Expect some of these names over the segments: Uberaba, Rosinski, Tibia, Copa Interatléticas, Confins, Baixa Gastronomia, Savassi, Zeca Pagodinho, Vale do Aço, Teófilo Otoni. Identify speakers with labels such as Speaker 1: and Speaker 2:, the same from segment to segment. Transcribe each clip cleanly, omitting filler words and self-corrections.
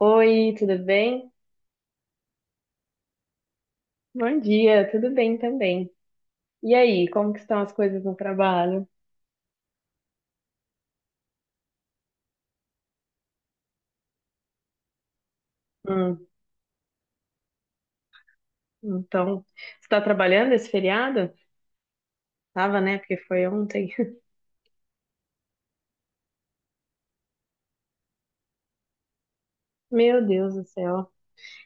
Speaker 1: Oi, tudo bem? Bom dia, tudo bem também. E aí, como que estão as coisas no trabalho? Hum, então, você está trabalhando esse feriado? Tava, né? Porque foi ontem. Meu Deus do céu.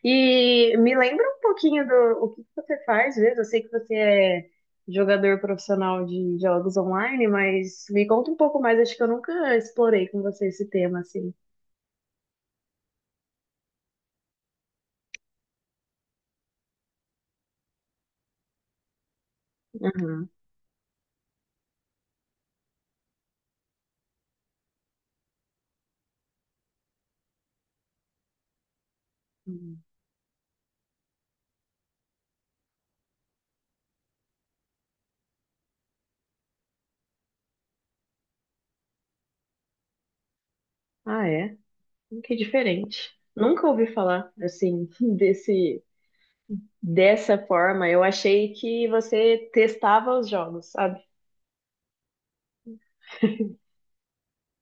Speaker 1: E me lembra um pouquinho do o que que você faz mesmo. Eu sei que você é jogador profissional de jogos online, mas me conta um pouco mais. Acho que eu nunca explorei com você esse tema assim. Uhum. Uhum. Ah, é? Que diferente. Nunca ouvi falar assim desse. Dessa forma, eu achei que você testava os jogos, sabe?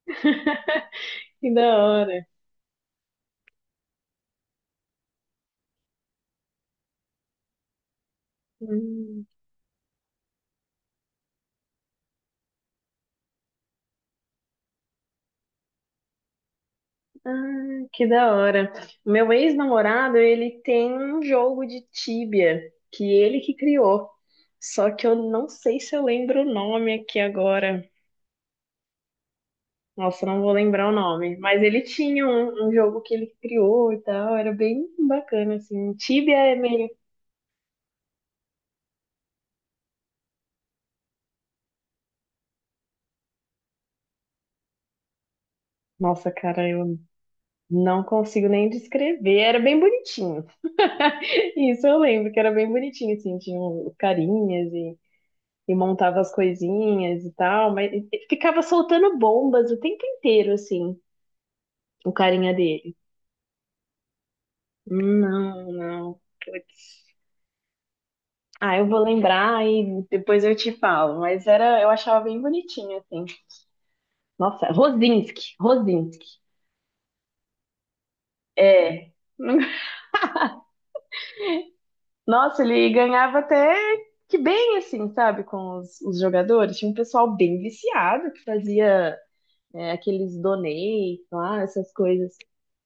Speaker 1: Que da hora. Hum, ah, que da hora. Meu ex-namorado, ele tem um jogo de Tibia que ele que criou. Só que eu não sei se eu lembro o nome aqui agora. Nossa, não vou lembrar o nome. Mas ele tinha um jogo que ele criou e tal. Era bem bacana, assim. Tibia é meio. Nossa, cara, eu não consigo nem descrever. Era bem bonitinho. Isso eu lembro, que era bem bonitinho, assim, tinha os carinhas e montava as coisinhas e tal, mas e ficava soltando bombas o tempo inteiro, assim, o carinha dele. Não, não, putz. Ah, eu vou lembrar e depois eu te falo, mas era, eu achava bem bonitinho, assim. Nossa, Rosinski, Rosinski, é. Nossa, ele ganhava até que bem, assim, sabe, com os jogadores. Tinha um pessoal bem viciado que fazia é, aqueles donate lá, essas coisas.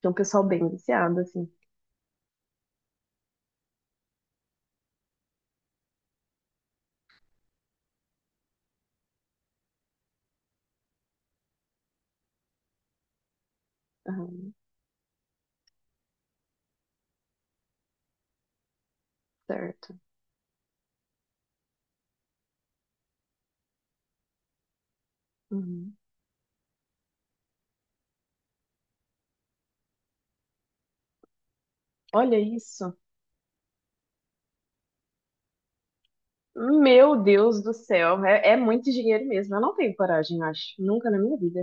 Speaker 1: Tem um pessoal bem viciado, assim. Aham, certo. Uhum. Olha isso. Meu Deus do céu, é, é muito dinheiro mesmo. Eu não tenho coragem, eu acho. Nunca na minha vida.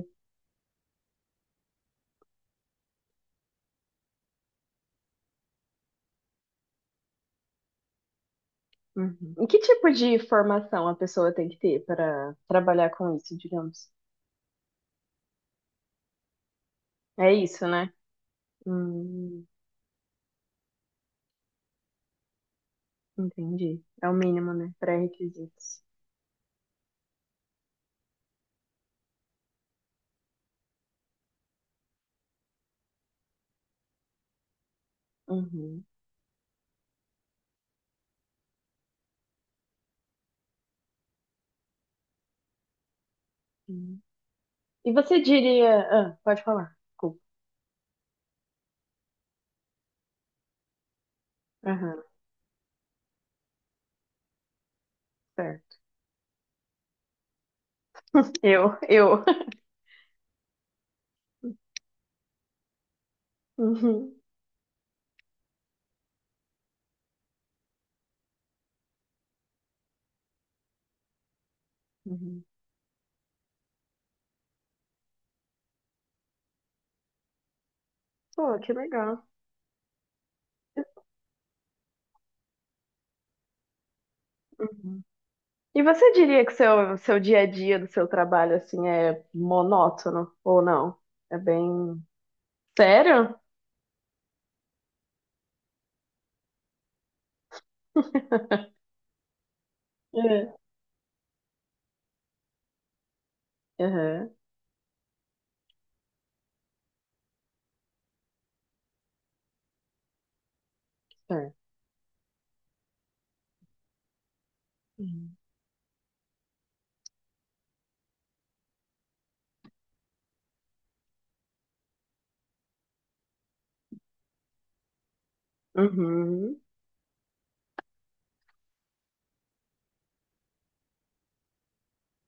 Speaker 1: Uhum. E que tipo de formação a pessoa tem que ter para trabalhar com isso, digamos? É isso, né? Hum, entendi. É o mínimo, né? Pré-requisitos. Uhum. Uhum. E você diria. Ah, pode falar. Desculpa. Aham, certo. Eu. Uhum. Uhum, pô, que legal. Uhum. E você diria que seu dia a dia do seu trabalho, assim, é monótono ou não? É bem... Sério? É. Uhum. É. Uhum, uhum.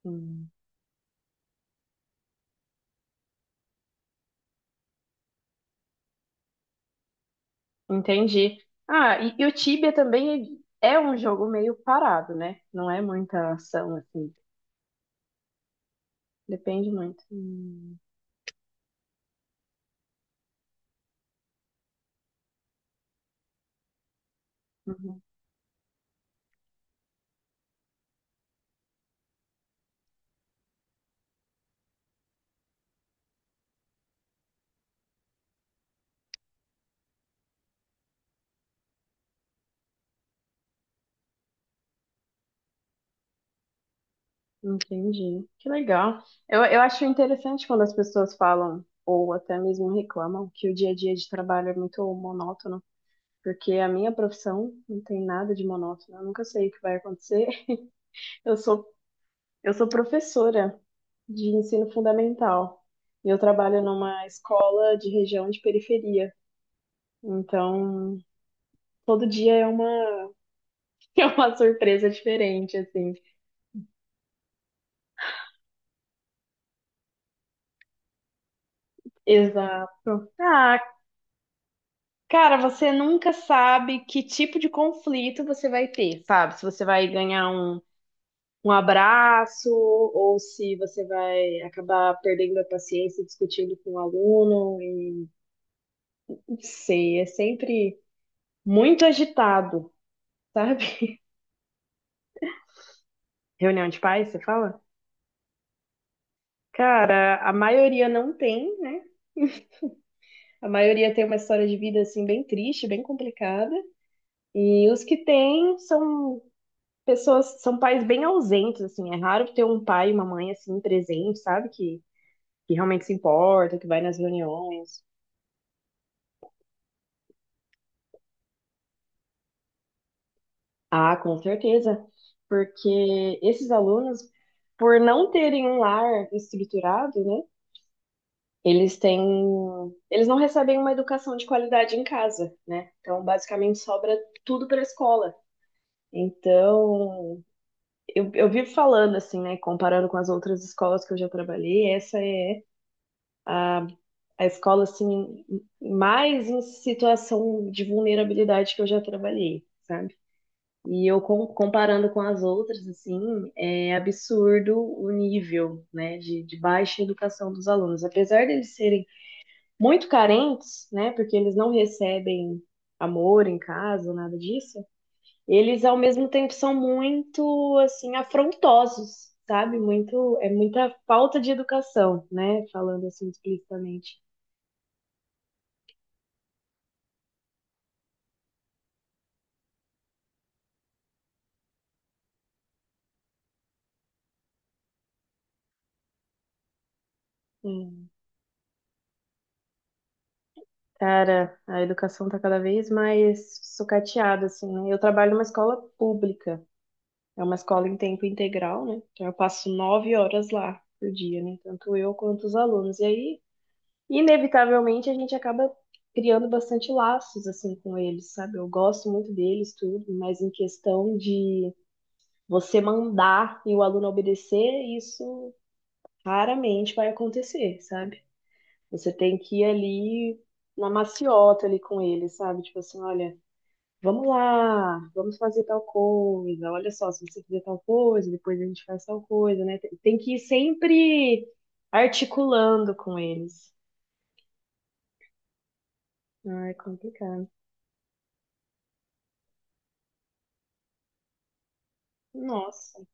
Speaker 1: Uhum. Entendi. Ah, e o Tibia também é um jogo meio parado, né? Não é muita ação, assim. Depende muito. Hum. Uhum. Entendi. Que legal. Eu acho interessante quando as pessoas falam, ou até mesmo reclamam, que o dia a dia de trabalho é muito monótono, porque a minha profissão não tem nada de monótono. Eu nunca sei o que vai acontecer. Eu sou, eu sou professora de ensino fundamental e eu trabalho numa escola de região de periferia. Então, todo dia é uma, é uma surpresa diferente, assim. Exato. Ah, cara, você nunca sabe que tipo de conflito você vai ter, sabe? Se você vai ganhar um abraço ou se você vai acabar perdendo a paciência discutindo com o aluno. E... Não sei, é sempre muito agitado, sabe? Reunião de pais, você fala? Cara, a maioria não tem, né? A maioria tem uma história de vida assim bem triste, bem complicada. E os que têm são pessoas são pais bem ausentes, assim, é raro ter um pai e uma mãe assim presente, sabe? Que realmente se importa, que vai nas reuniões. Ah, com certeza, porque esses alunos, por não terem um lar estruturado, né? Eles têm, eles não recebem uma educação de qualidade em casa, né? Então, basicamente, sobra tudo para a escola. Então, eu vivo falando assim, né? Comparando com as outras escolas que eu já trabalhei, essa é a escola assim mais em situação de vulnerabilidade que eu já trabalhei, sabe? E eu com- comparando com as outras, assim, é absurdo o nível, né, de baixa educação dos alunos. Apesar deles serem muito carentes, né, porque eles não recebem amor em casa, nada disso, eles ao mesmo tempo são muito, assim, afrontosos, sabe? Muito, é muita falta de educação, né, falando assim explicitamente. É. Cara, a educação tá cada vez mais sucateada, assim, né? Eu trabalho numa escola pública, é uma escola em tempo integral, né? Então eu passo 9 horas lá por dia, né? Tanto eu quanto os alunos. E aí, inevitavelmente, a gente acaba criando bastante laços, assim, com eles, sabe? Eu gosto muito deles, tudo, mas em questão de você mandar e o aluno obedecer, isso raramente vai acontecer, sabe? Você tem que ir ali na maciota ali com ele, sabe? Tipo assim, olha. Vamos lá, vamos fazer tal coisa. Olha só, se você fizer tal coisa, depois a gente faz tal coisa, né? Tem que ir sempre articulando com eles. Ah, é complicado. Nossa,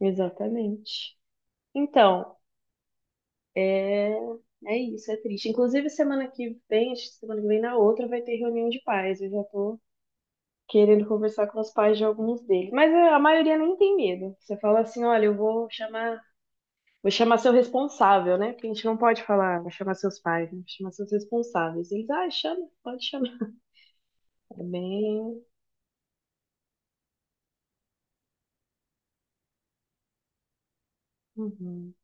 Speaker 1: exatamente. Então, é, é isso, é triste. Inclusive, semana que vem, acho que semana que vem, na outra, vai ter reunião de pais. Eu já tô querendo conversar com os pais de alguns deles. Mas é, a maioria nem tem medo. Você fala assim: olha, eu vou chamar. Vou chamar seu responsável, né? Porque a gente não pode falar, vou chamar seus pais, né? Vou chamar seus responsáveis. Eles, ah, chama, pode chamar. É bem. Uhum,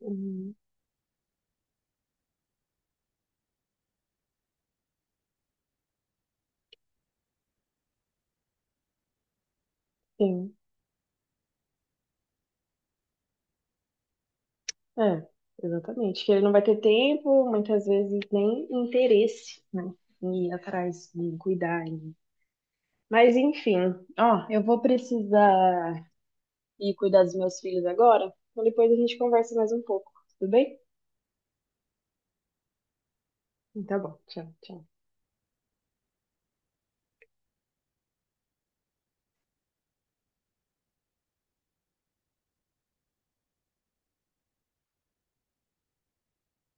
Speaker 1: uhum, sim, é, exatamente. Que ele não vai ter tempo, muitas vezes nem interesse, né? Em ir atrás, em cuidar. Em- Mas, enfim, ó, eu vou precisar ir cuidar dos meus filhos agora, então depois a gente conversa mais um pouco, tudo bem? Então, tá bom, tchau, tchau.